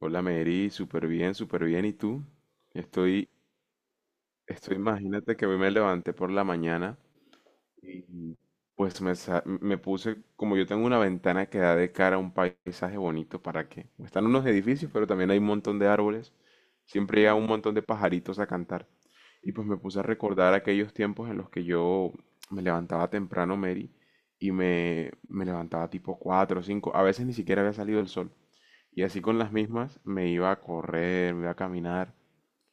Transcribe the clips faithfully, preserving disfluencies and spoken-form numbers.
Hola Mary, súper bien, súper bien. ¿Y tú? Estoy, estoy, imagínate que hoy me levanté por la mañana y pues me, sa- me puse, como yo tengo una ventana que da de cara a un paisaje bonito, ¿para qué? Están unos edificios, pero también hay un montón de árboles. Siempre llega un montón de pajaritos a cantar. Y pues me puse a recordar aquellos tiempos en los que yo me levantaba temprano, Mary, y me, me levantaba tipo cuatro o cinco. A veces ni siquiera había salido el sol. Y así con las mismas me iba a correr, me iba a caminar,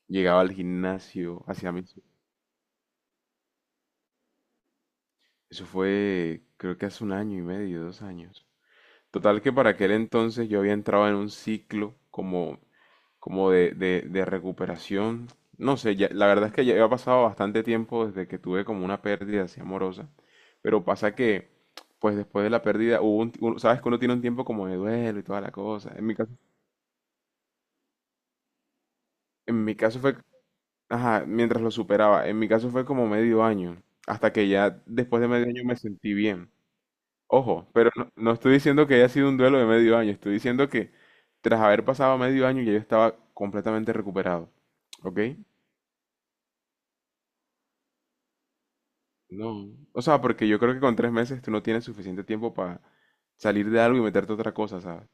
llegaba al gimnasio, hacía mis. Eso fue, creo que hace un año y medio, dos años. Total que para aquel entonces yo había entrado en un ciclo como, como de, de- de recuperación. No sé, ya- la verdad es que ya había pasado bastante tiempo desde que tuve como una pérdida así amorosa. Pero pasa que, pues después de la pérdida, hubo un, un- sabes que uno tiene un tiempo como de duelo y toda la cosa. En mi caso, en mi caso fue, ajá, mientras lo superaba. En mi caso fue como medio año, hasta que ya después de medio año me sentí bien. Ojo, pero no, no estoy diciendo que haya sido un duelo de medio año, estoy diciendo que tras haber pasado medio año ya yo estaba completamente recuperado, ¿ok? No. O sea, porque yo creo que con tres meses tú no tienes suficiente tiempo para salir de algo y meterte a otra cosa, ¿sabes?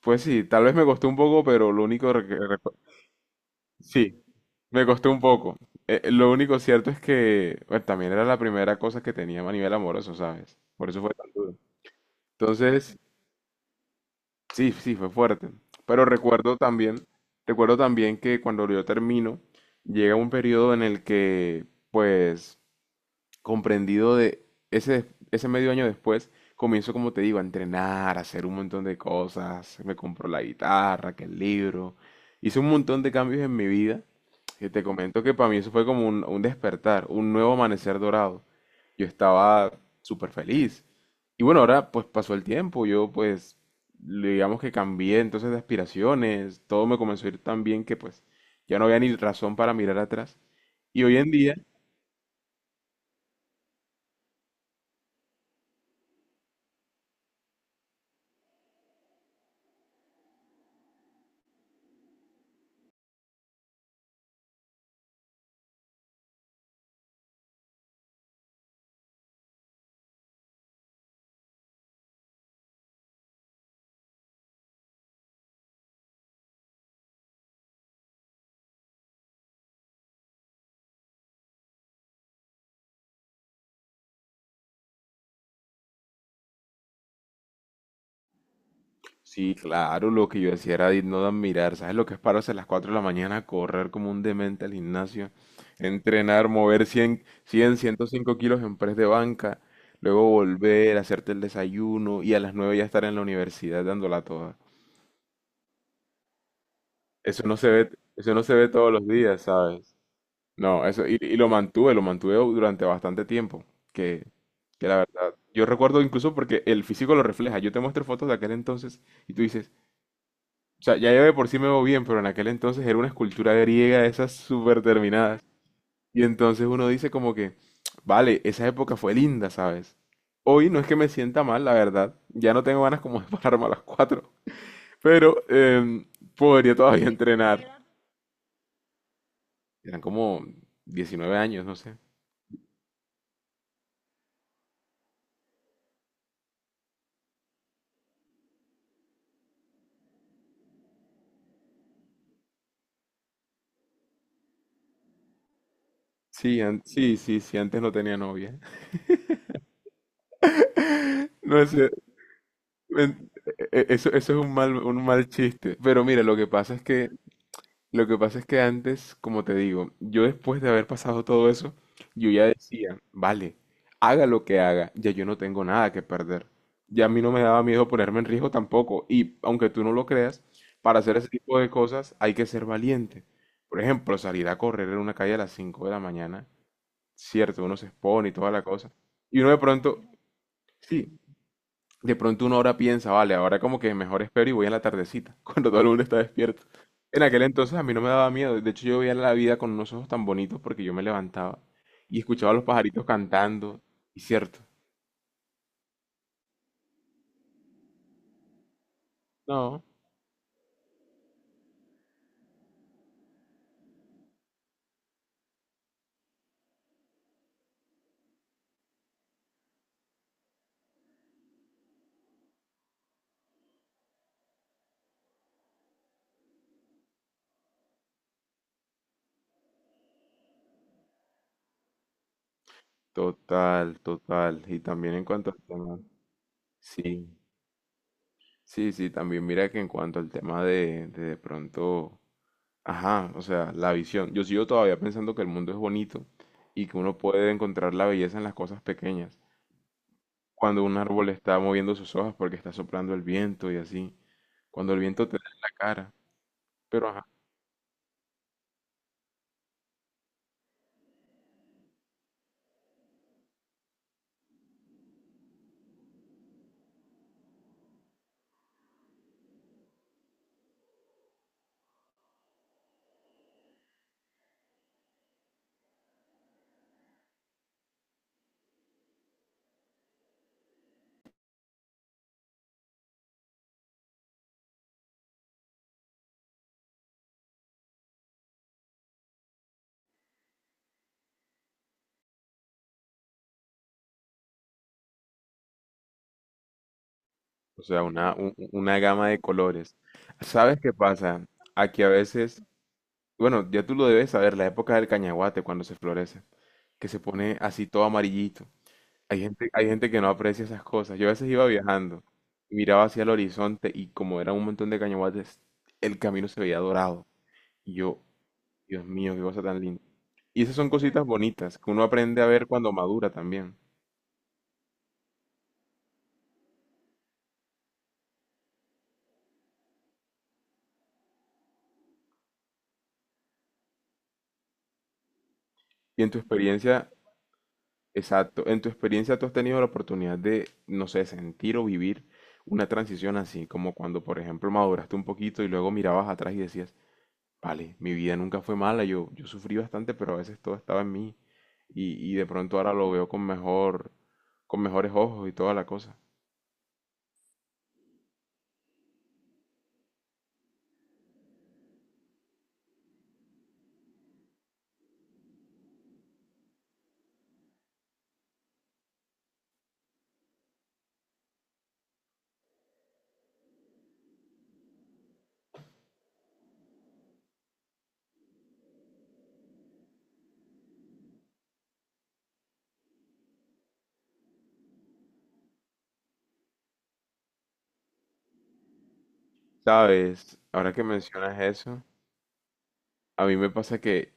Pues sí, tal vez me costó un poco, pero lo único que recuerdo. Me costó un poco. Eh, eh, lo único cierto es que bueno, también era la primera cosa que tenía a nivel amoroso, ¿sabes? Por eso fue tan duro. Entonces, sí, sí, fue fuerte. Pero recuerdo también, recuerdo también que cuando yo termino, llega un periodo en el que, pues, comprendido de ese, ese, medio año después, comienzo, como te digo, a entrenar, a hacer un montón de cosas. Me compró la guitarra, que el libro. Hice un montón de cambios en mi vida. Y te comento que para mí eso fue como un, un despertar, un nuevo amanecer dorado. Yo estaba súper feliz. Y bueno, ahora pues pasó el tiempo. Yo pues, digamos que cambié entonces de aspiraciones. Todo me comenzó a ir tan bien que pues ya no había ni razón para mirar atrás. Y hoy en día, sí, claro, lo que yo decía era no de admirar. ¿Sabes lo que es pararse a las cuatro de la mañana a correr como un demente al gimnasio? Entrenar, mover cien, cien, ciento cinco kilos en press de banca, luego volver, hacerte el desayuno y a las nueve ya estar en la universidad dándola toda. Eso no se ve, eso no se ve todos los días, ¿sabes? No, eso, y, y lo mantuve, lo mantuve durante bastante tiempo, que, que la verdad, yo recuerdo incluso porque el físico lo refleja. Yo te muestro fotos de aquel entonces y tú dices. O sea, ya yo de por sí me veo bien, pero en aquel entonces era una escultura griega de esas súper terminadas. Y entonces uno dice como que, vale, esa época fue linda, ¿sabes? Hoy no es que me sienta mal, la verdad. Ya no tengo ganas como de pararme a las cuatro. Pero em, podría todavía entrenar. Eran como diecinueve años, no sé. Sí, an- sí, sí, sí, antes no tenía novia. No sé, en- e- e- eso, eso es un mal, un mal chiste. Pero mira, lo que pasa es que Lo que pasa es que antes, como te digo, yo después de haber pasado todo eso, yo ya decía, vale, haga lo que haga, ya yo no tengo nada que perder. Ya a mí no me daba miedo ponerme en riesgo tampoco. Y aunque tú no lo creas, para hacer ese tipo de cosas hay que ser valiente. Por ejemplo, salir a correr en una calle a las cinco de la mañana, cierto, uno se expone y toda la cosa. Y uno de pronto, sí, de pronto uno ahora piensa, vale, ahora como que mejor espero y voy a la tardecita, cuando todo el mundo está despierto. En aquel entonces a mí no me daba miedo, de hecho yo veía la vida con unos ojos tan bonitos porque yo me levantaba y escuchaba a los pajaritos cantando, y cierto. No, total, total. Y también en cuanto al tema, sí, sí, sí, también mira que en cuanto al tema de de, de pronto, ajá, o sea, la visión. Yo sigo todavía pensando que el mundo es bonito y que uno puede encontrar la belleza en las cosas pequeñas. Cuando un árbol está moviendo sus hojas porque está soplando el viento y así. Cuando el viento te da en la cara. Pero ajá, o sea, una, un- una gama de colores. ¿Sabes qué pasa? Aquí a veces, bueno, ya tú lo debes saber, la época del cañaguate cuando se florece, que se pone así todo amarillito. Hay gente, hay gente que no aprecia esas cosas. Yo a veces iba viajando y miraba hacia el horizonte y como era un montón de cañaguates, el camino se veía dorado. Y yo, Dios mío, qué cosa tan linda. Y esas son cositas bonitas que uno aprende a ver cuando madura también. Y en tu experiencia, exacto, en tu experiencia tú has tenido la oportunidad de, no sé, sentir o vivir una transición así, como cuando, por ejemplo, maduraste un poquito y luego mirabas atrás y decías, vale, mi vida nunca fue mala, yo, yo sufrí bastante, pero a veces todo estaba en mí. Y, y de pronto ahora lo veo con mejor, con mejores ojos y toda la cosa. ¿Sabes? Ahora que mencionas eso, a mí me pasa que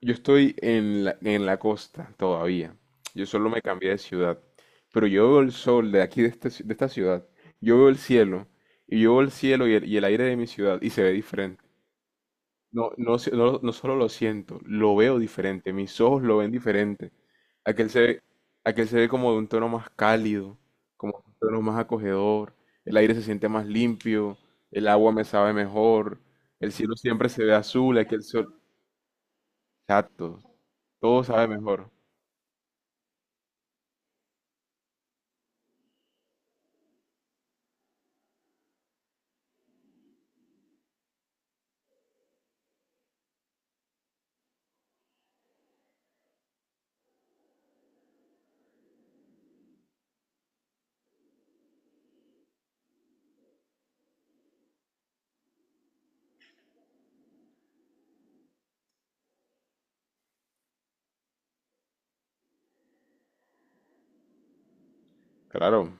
yo estoy en la, en la costa todavía. Yo solo me cambié de ciudad. Pero yo veo el sol de aquí, de, este ci- de esta ciudad. Yo veo el cielo. Y yo veo el cielo y el, y el aire de mi ciudad. Y se ve diferente. No, no, se- no, no solo lo siento, lo veo diferente. Mis ojos lo ven diferente. Aquel se ve, aquel se ve como de un tono más cálido, como de un tono más acogedor. El aire se siente más limpio. El agua me sabe mejor. El cielo siempre se ve azul. Aquel sol. Exacto. Todo sabe mejor. Claro,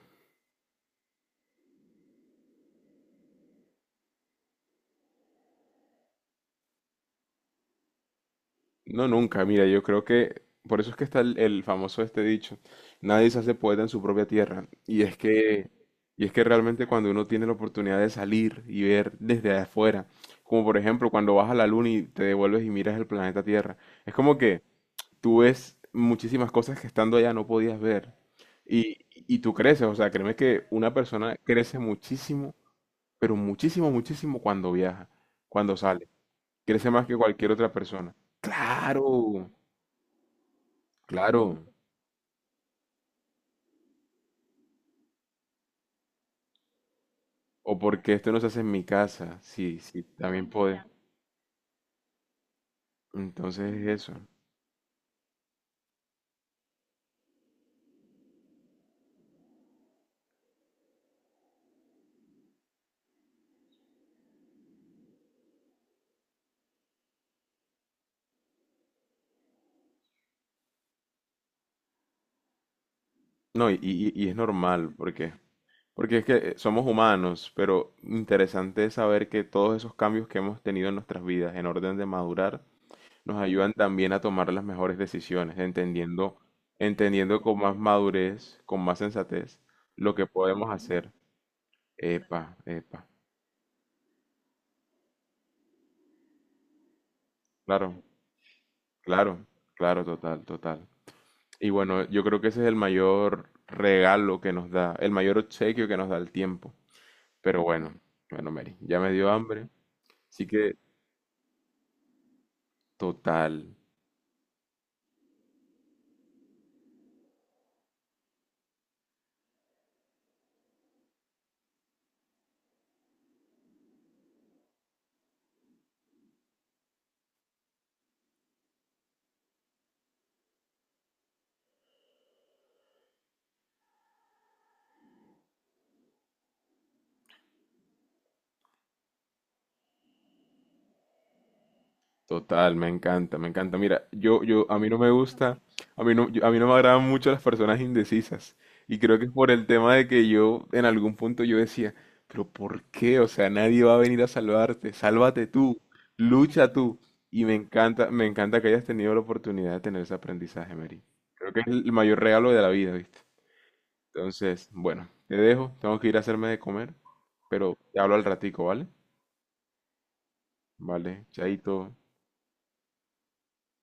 no nunca, mira, yo creo que por eso es que está el, el famoso este dicho, nadie se hace poeta en su propia tierra, y es que, y es que realmente cuando uno tiene la oportunidad de salir y ver desde afuera, como por ejemplo cuando vas a la luna y te devuelves y miras el planeta Tierra, es como que tú ves muchísimas cosas que estando allá no podías ver, y, y tú creces, o sea, créeme que una persona crece muchísimo, pero muchísimo, muchísimo cuando viaja, cuando sale. Crece más que cualquier otra persona. Claro, claro. O porque esto no se hace en mi casa. Sí, sí, también puede. Entonces es eso. No, y, y- y es normal, porque, porque es que eh, somos humanos, pero interesante es saber que todos esos cambios que hemos tenido en nuestras vidas en orden de madurar nos ayudan también a tomar las mejores decisiones, entendiendo, entendiendo con más madurez, con más sensatez, lo que podemos hacer. Epa, epa. Claro. Claro, claro, total, total. Y bueno, yo creo que ese es el mayor regalo que nos da, el mayor obsequio que nos da el tiempo. Pero bueno, bueno, Mary, ya me dio hambre, así que total. Total, me encanta, me encanta. Mira, yo, yo, a mí no me gusta, a mí no, yo- a mí no me agradan mucho las personas indecisas. Y creo que es por el tema de que yo, en algún punto yo decía, pero ¿por qué? O sea, nadie va a venir a salvarte, sálvate tú, lucha tú. Y me encanta, me encanta que hayas tenido la oportunidad de tener ese aprendizaje, Mary. Creo que es el mayor regalo de la vida, ¿viste? Entonces, bueno, te dejo, tengo que ir a hacerme de comer, pero te hablo al ratico, ¿vale? Vale, chaito.